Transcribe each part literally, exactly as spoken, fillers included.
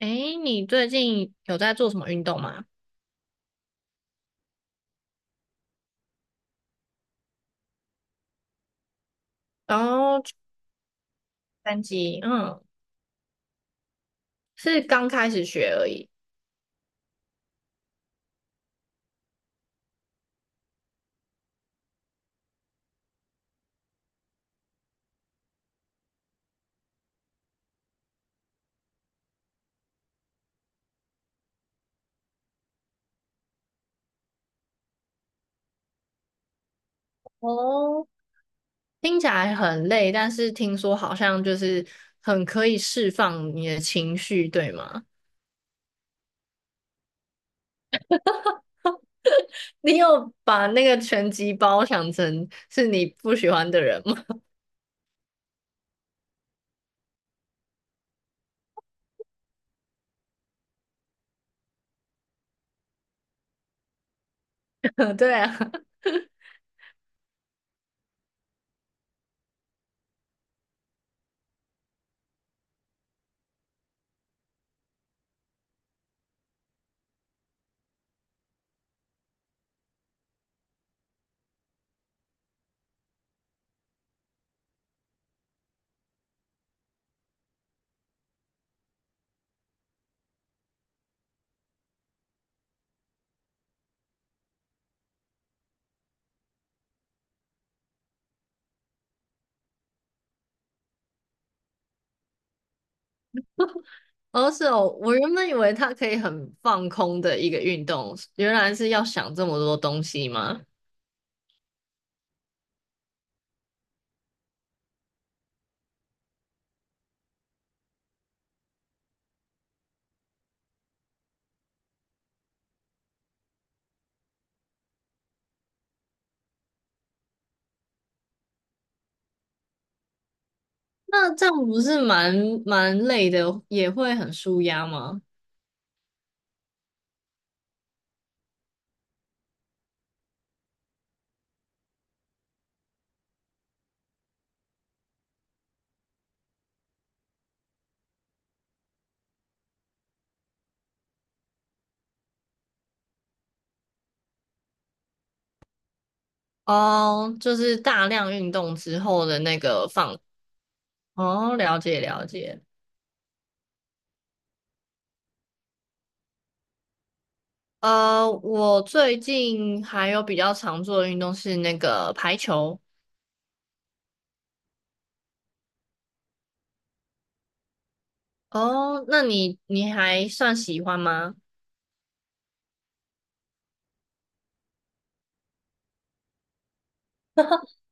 诶，你最近有在做什么运动吗？然后拳击，嗯，是刚开始学而已。哦，听起来很累，但是听说好像就是很可以释放你的情绪，对吗？你有把那个拳击包想成是你不喜欢的人吗？对啊，哦是哦，我原本以为它可以很放空的一个运动，原来是要想这么多东西吗？那这样不是蛮蛮累的，也会很舒压吗？哦，就是大量运动之后的那个放。哦，了解了解。呃，我最近还有比较常做的运动是那个排球。哦，那你你还算喜欢吗？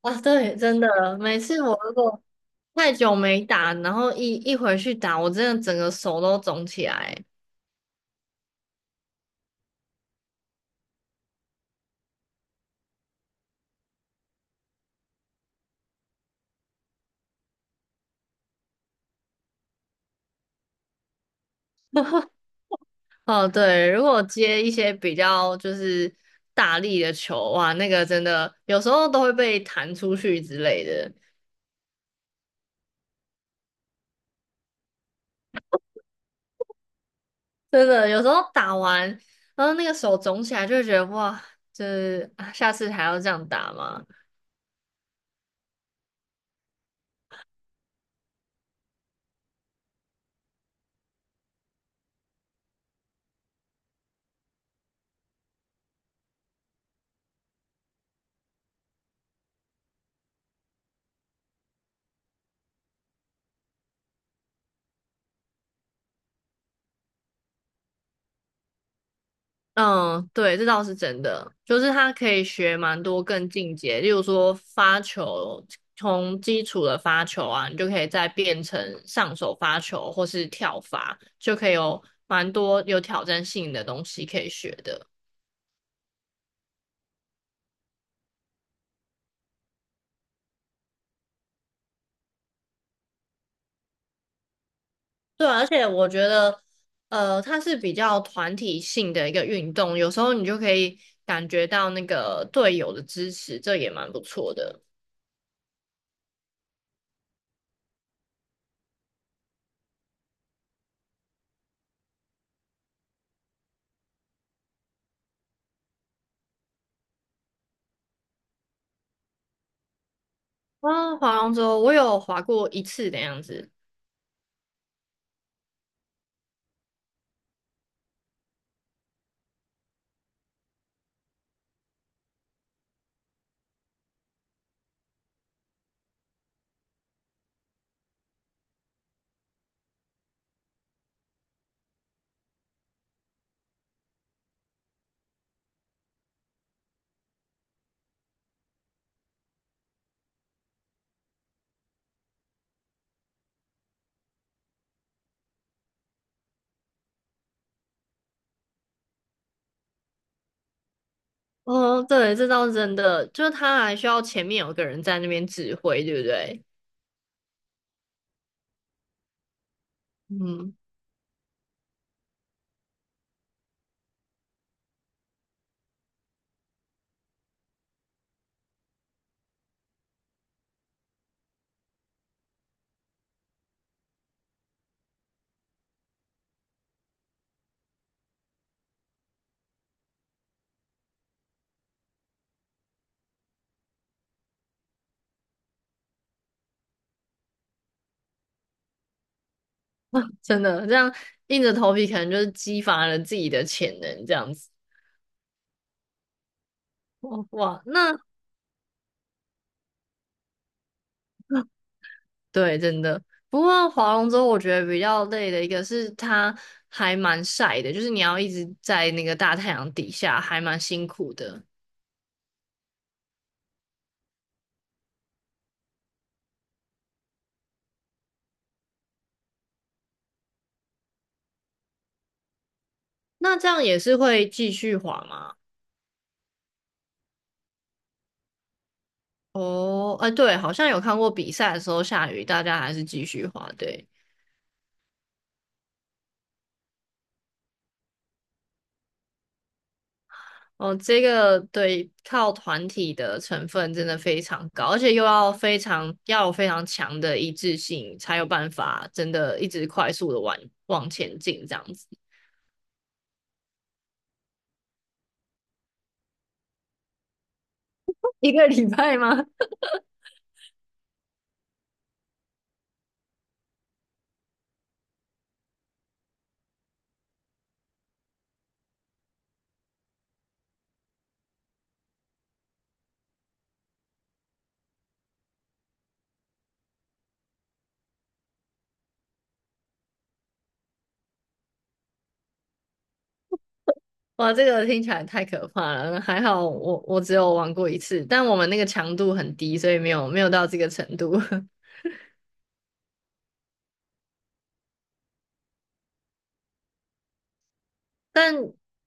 啊，对，真的，每次我如果太久没打，然后一一回去打，我真的整个手都肿起来。哦，对，如果接一些比较就是大力的球，哇，那个真的有时候都会被弹出去之类的，真的有时候打完，然后那个手肿起来，就会觉得哇，就是啊下次还要这样打吗？嗯，对，这倒是真的，就是他可以学蛮多更进阶，例如说发球，从基础的发球啊，你就可以再变成上手发球或是跳发，就可以有蛮多有挑战性的东西可以学的。对啊而且我觉得，呃，它是比较团体性的一个运动，有时候你就可以感觉到那个队友的支持，这也蛮不错的。啊，划龙舟我有划过一次的样子。哦，对，这倒是真的，就是他还需要前面有个人在那边指挥，对不对？嗯，真的，这样硬着头皮，可能就是激发了自己的潜能，这样子。哦哇，哇那 对，真的。不过划龙舟，我觉得比较累的一个是它还蛮晒的，就是你要一直在那个大太阳底下，还蛮辛苦的。那这样也是会继续滑吗？哦，哎，对，好像有看过比赛的时候下雨，大家还是继续滑，对。哦，这个对，靠团体的成分真的非常高，而且又要非常要有非常强的一致性，才有办法真的一直快速的往往前进这样子。一个礼拜吗？哇，这个听起来太可怕了。还好我我只有玩过一次，但我们那个强度很低，所以没有没有到这个程度。但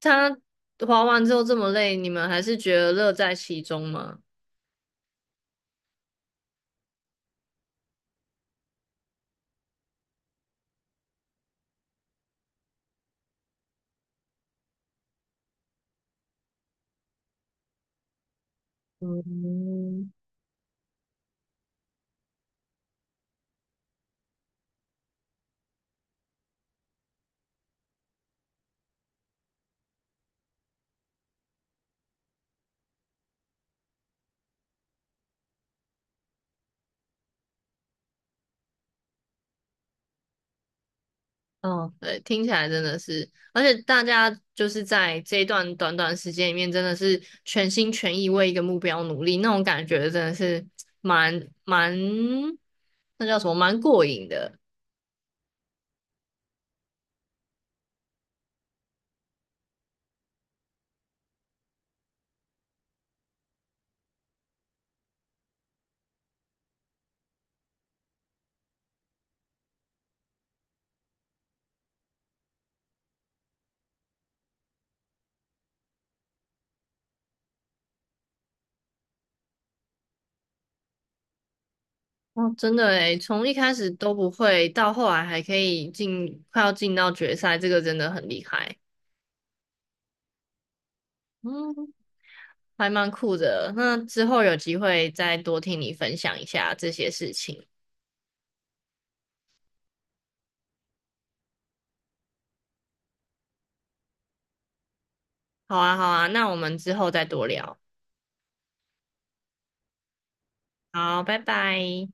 他滑完之后这么累，你们还是觉得乐在其中吗？嗯。嗯，对，听起来真的是，而且大家就是在这一段短短时间里面，真的是全心全意为一个目标努力，那种感觉真的是蛮蛮，那叫什么，蛮过瘾的。哦，真的诶，从一开始都不会，到后来还可以进，快要进到决赛，这个真的很厉害。嗯，还蛮酷的。那之后有机会再多听你分享一下这些事情。好啊，好啊，那我们之后再多聊。好，拜拜。